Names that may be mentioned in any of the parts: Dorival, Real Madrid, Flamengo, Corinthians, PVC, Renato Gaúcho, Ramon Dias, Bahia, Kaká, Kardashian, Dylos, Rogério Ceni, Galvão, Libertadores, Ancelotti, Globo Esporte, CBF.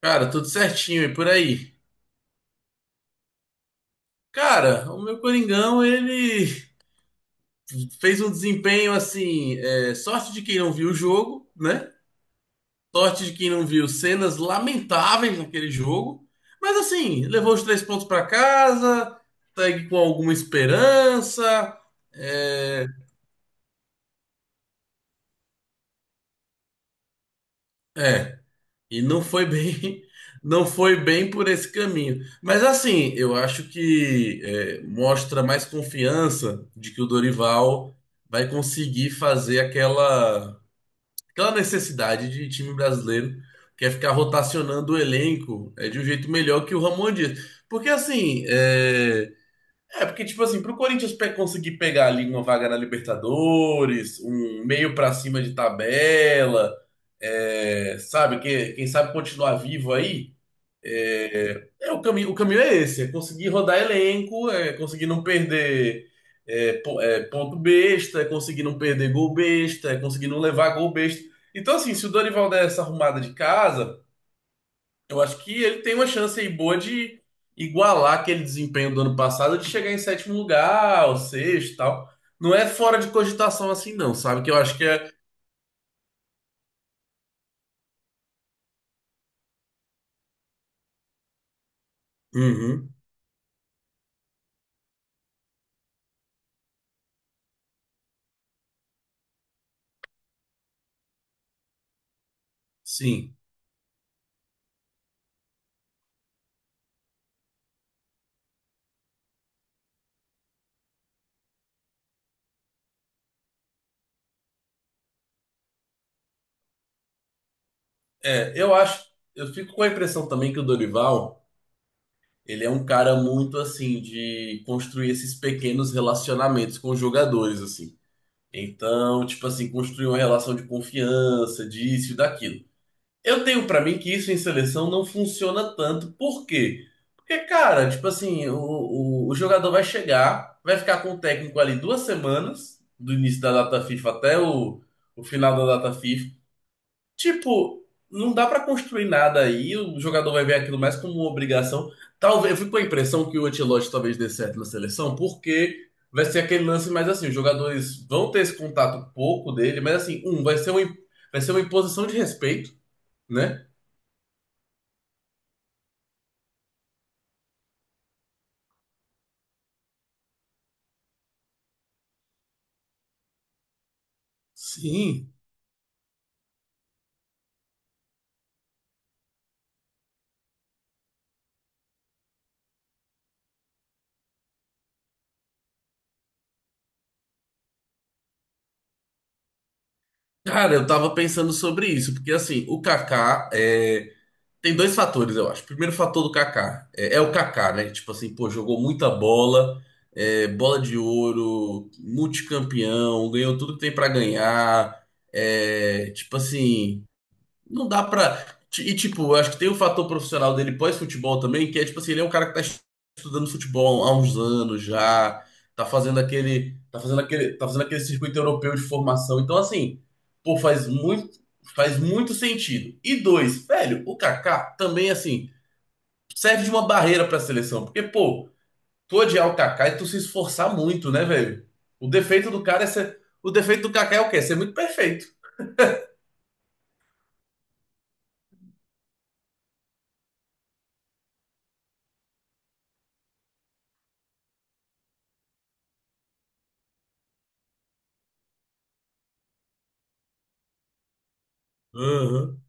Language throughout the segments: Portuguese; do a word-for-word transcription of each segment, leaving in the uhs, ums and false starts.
Cara, tudo certinho e por aí. Cara, o meu Coringão, ele fez um desempenho assim, é, sorte de quem não viu o jogo, né? Sorte de quem não viu cenas lamentáveis naquele jogo. Mas assim, levou os três pontos pra casa, segue com alguma esperança. É, é. E não foi bem, não foi bem por esse caminho. Mas assim, eu acho que é, mostra mais confiança de que o Dorival vai conseguir fazer aquela, aquela necessidade de time brasileiro, que é ficar rotacionando o elenco é, de um jeito melhor que o Ramon Dias. Porque assim, é, é, porque, tipo assim, pro Corinthians pe- conseguir pegar ali uma vaga na Libertadores, um meio pra cima de tabela, é, sabe, que, quem sabe continuar vivo aí, é o caminho, o caminho é esse, é conseguir rodar elenco, é conseguir não perder é, po- é, ponto besta, é conseguir não perder gol besta, é conseguir não levar gol besta. Então, assim, se o Dorival der essa arrumada de casa, eu acho que ele tem uma chance aí boa de igualar aquele desempenho do ano passado, de chegar em sétimo lugar, ou sexto e tal. Não é fora de cogitação assim, não, sabe? Que eu acho que é. Uhum, sim. É, eu acho. Eu fico com a impressão também que o Dorival, ele é um cara muito assim, de construir esses pequenos relacionamentos com os jogadores, assim. Então, tipo assim, construir uma relação de confiança, disso e daquilo. Eu tenho pra mim que isso em seleção não funciona tanto. Por quê? Porque, cara, tipo assim, o, o, o jogador vai chegar, vai ficar com o técnico ali duas semanas, do início da data FIFA até o, o final da data FIFA. Tipo, não dá pra construir nada aí, o jogador vai ver aquilo mais como uma obrigação. Talvez, eu fico com a impressão que o Ancelotti talvez dê certo na seleção, porque vai ser aquele lance mais assim, os jogadores vão ter esse contato pouco dele, mas assim, um, vai ser uma, vai ser uma imposição de respeito né? Sim. Cara, eu tava pensando sobre isso, porque assim, o Kaká é... tem dois fatores, eu acho. O primeiro fator do Kaká é, é o Kaká, né? Tipo assim, pô, jogou muita bola, é, bola de ouro, multicampeão, ganhou tudo que tem pra ganhar. É, tipo assim. Não dá pra. E, tipo, eu acho que tem o fator profissional dele pós-futebol também, que é, tipo assim, ele é um cara que tá estudando futebol há uns anos já, tá fazendo aquele, tá fazendo aquele, tá fazendo aquele circuito europeu de formação. Então, assim, pô, faz muito, faz muito sentido. E dois, velho, o Kaká também, assim, serve de uma barreira pra seleção, porque, pô, tu odiar o Kaká e tu se esforçar muito, né, velho? O defeito do cara é ser, o defeito do Kaká é o quê? É ser muito perfeito. Aham.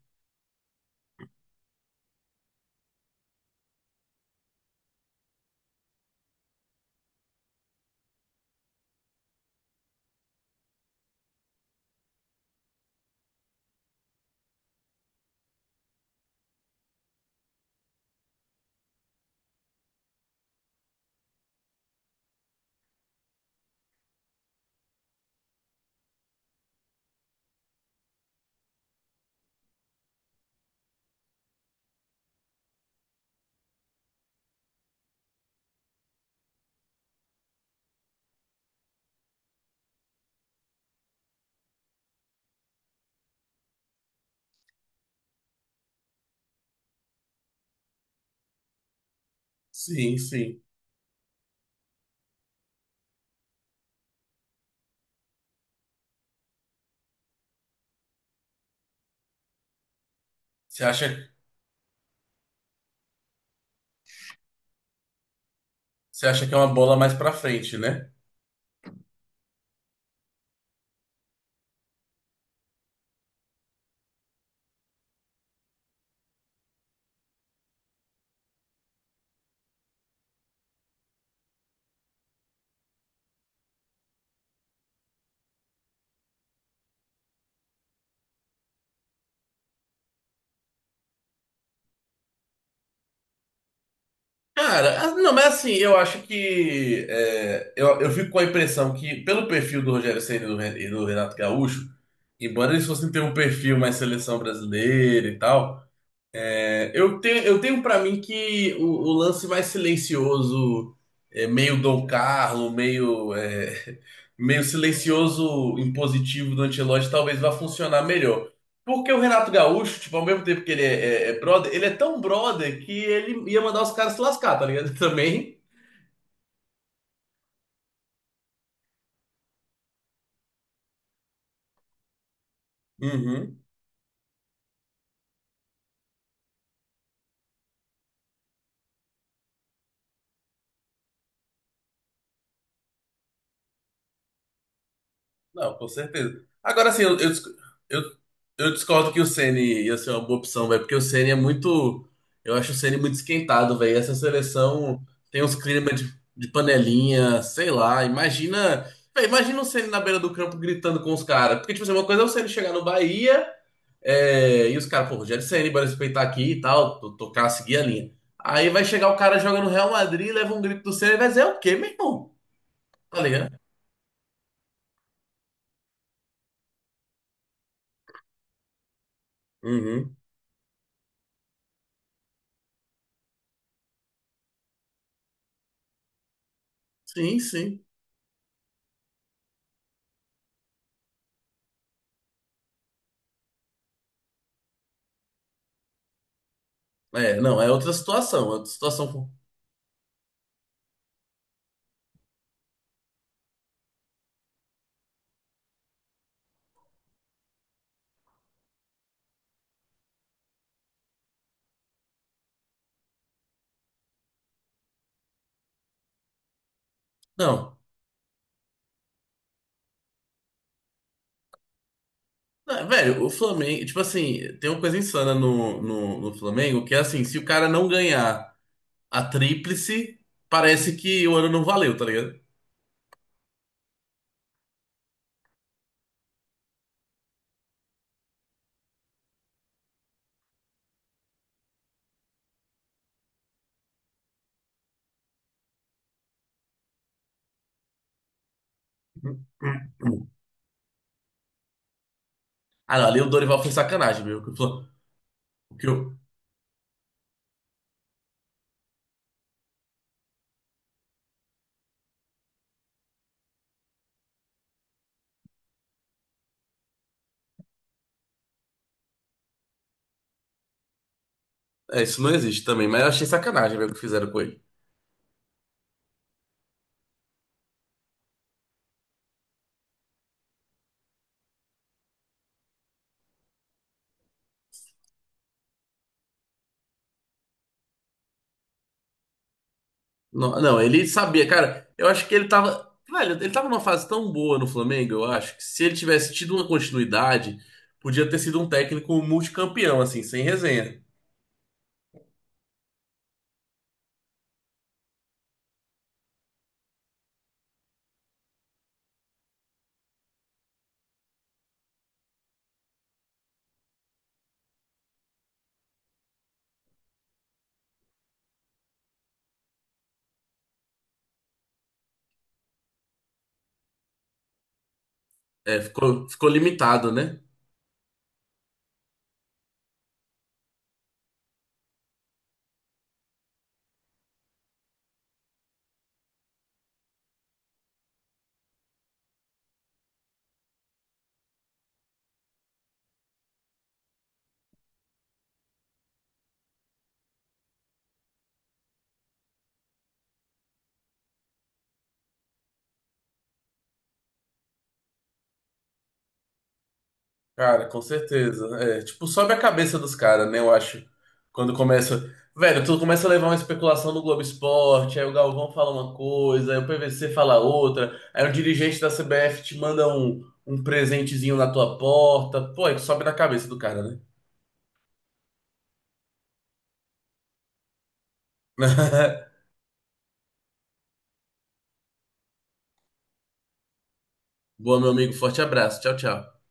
Sim, sim. Você acha. Você acha que é uma bola mais pra frente, né? Cara, ah, não, mas assim, eu acho que. É, eu, eu fico com a impressão que, pelo perfil do Rogério Ceni e do Ren- e do Renato Gaúcho, embora eles fossem ter um perfil mais seleção brasileira e tal. É, eu tenho, eu tenho para mim que o, o lance mais silencioso, é, meio Dom Carlo, meio, é, meio silencioso impositivo do Ancelotti, talvez vá funcionar melhor. Porque o Renato Gaúcho, tipo, ao mesmo tempo que ele é, é- é brother, ele é tão brother que ele ia mandar os caras se lascar, tá ligado? Também. Uhum. Não, com certeza. Agora, assim, eu, eu, disc- eu, eu discordo que o Ceni ia ser uma boa opção, velho, porque o Ceni é muito. Eu acho o Ceni muito esquentado, velho. Essa seleção tem uns climas de, de panelinha, sei lá. Imagina. Véio, imagina o Ceni na beira do campo gritando com os caras. Porque, tipo assim, uma coisa é o Ceni chegar no Bahia é, e os caras, pô, Rogério Ceni, bora respeitar aqui e tal, to- tocar, seguir a linha. Aí vai chegar o cara jogando no Real Madrid, leva um grito do Ceni e vai dizer, é o quê, meu irmão? Tá ligado? Uhum. Sim, sim. É, não, é outra situação, é outra situação. Não, não, velho, o Flamengo, tipo assim, tem uma coisa insana no, no, no Flamengo, que é assim, se o cara não ganhar a tríplice, parece que o ano não valeu, tá ligado? Ah, não, ali o Dorival foi sacanagem, meu. Que o Fla- o que eu- é, isso não existe também, mas eu achei sacanagem, velho, o que fizeram com ele. Não, não, ele sabia, cara, eu acho que ele tava. Velho, ele tava numa fase tão boa no Flamengo, eu acho, que se ele tivesse tido uma continuidade, podia ter sido um técnico multicampeão, assim, sem resenha. É, ficou, ficou limitado, né? Cara, com certeza. É, tipo, sobe a cabeça dos caras, né? Eu acho. Quando começa. Velho, tu começa a levar uma especulação do Globo Esporte, aí o Galvão fala uma coisa, aí o P V C fala outra, aí o dirigente da C B F te manda um, um presentezinho na tua porta. Pô, aí sobe na cabeça do cara, né? Boa, meu amigo. Forte abraço. Tchau, tchau.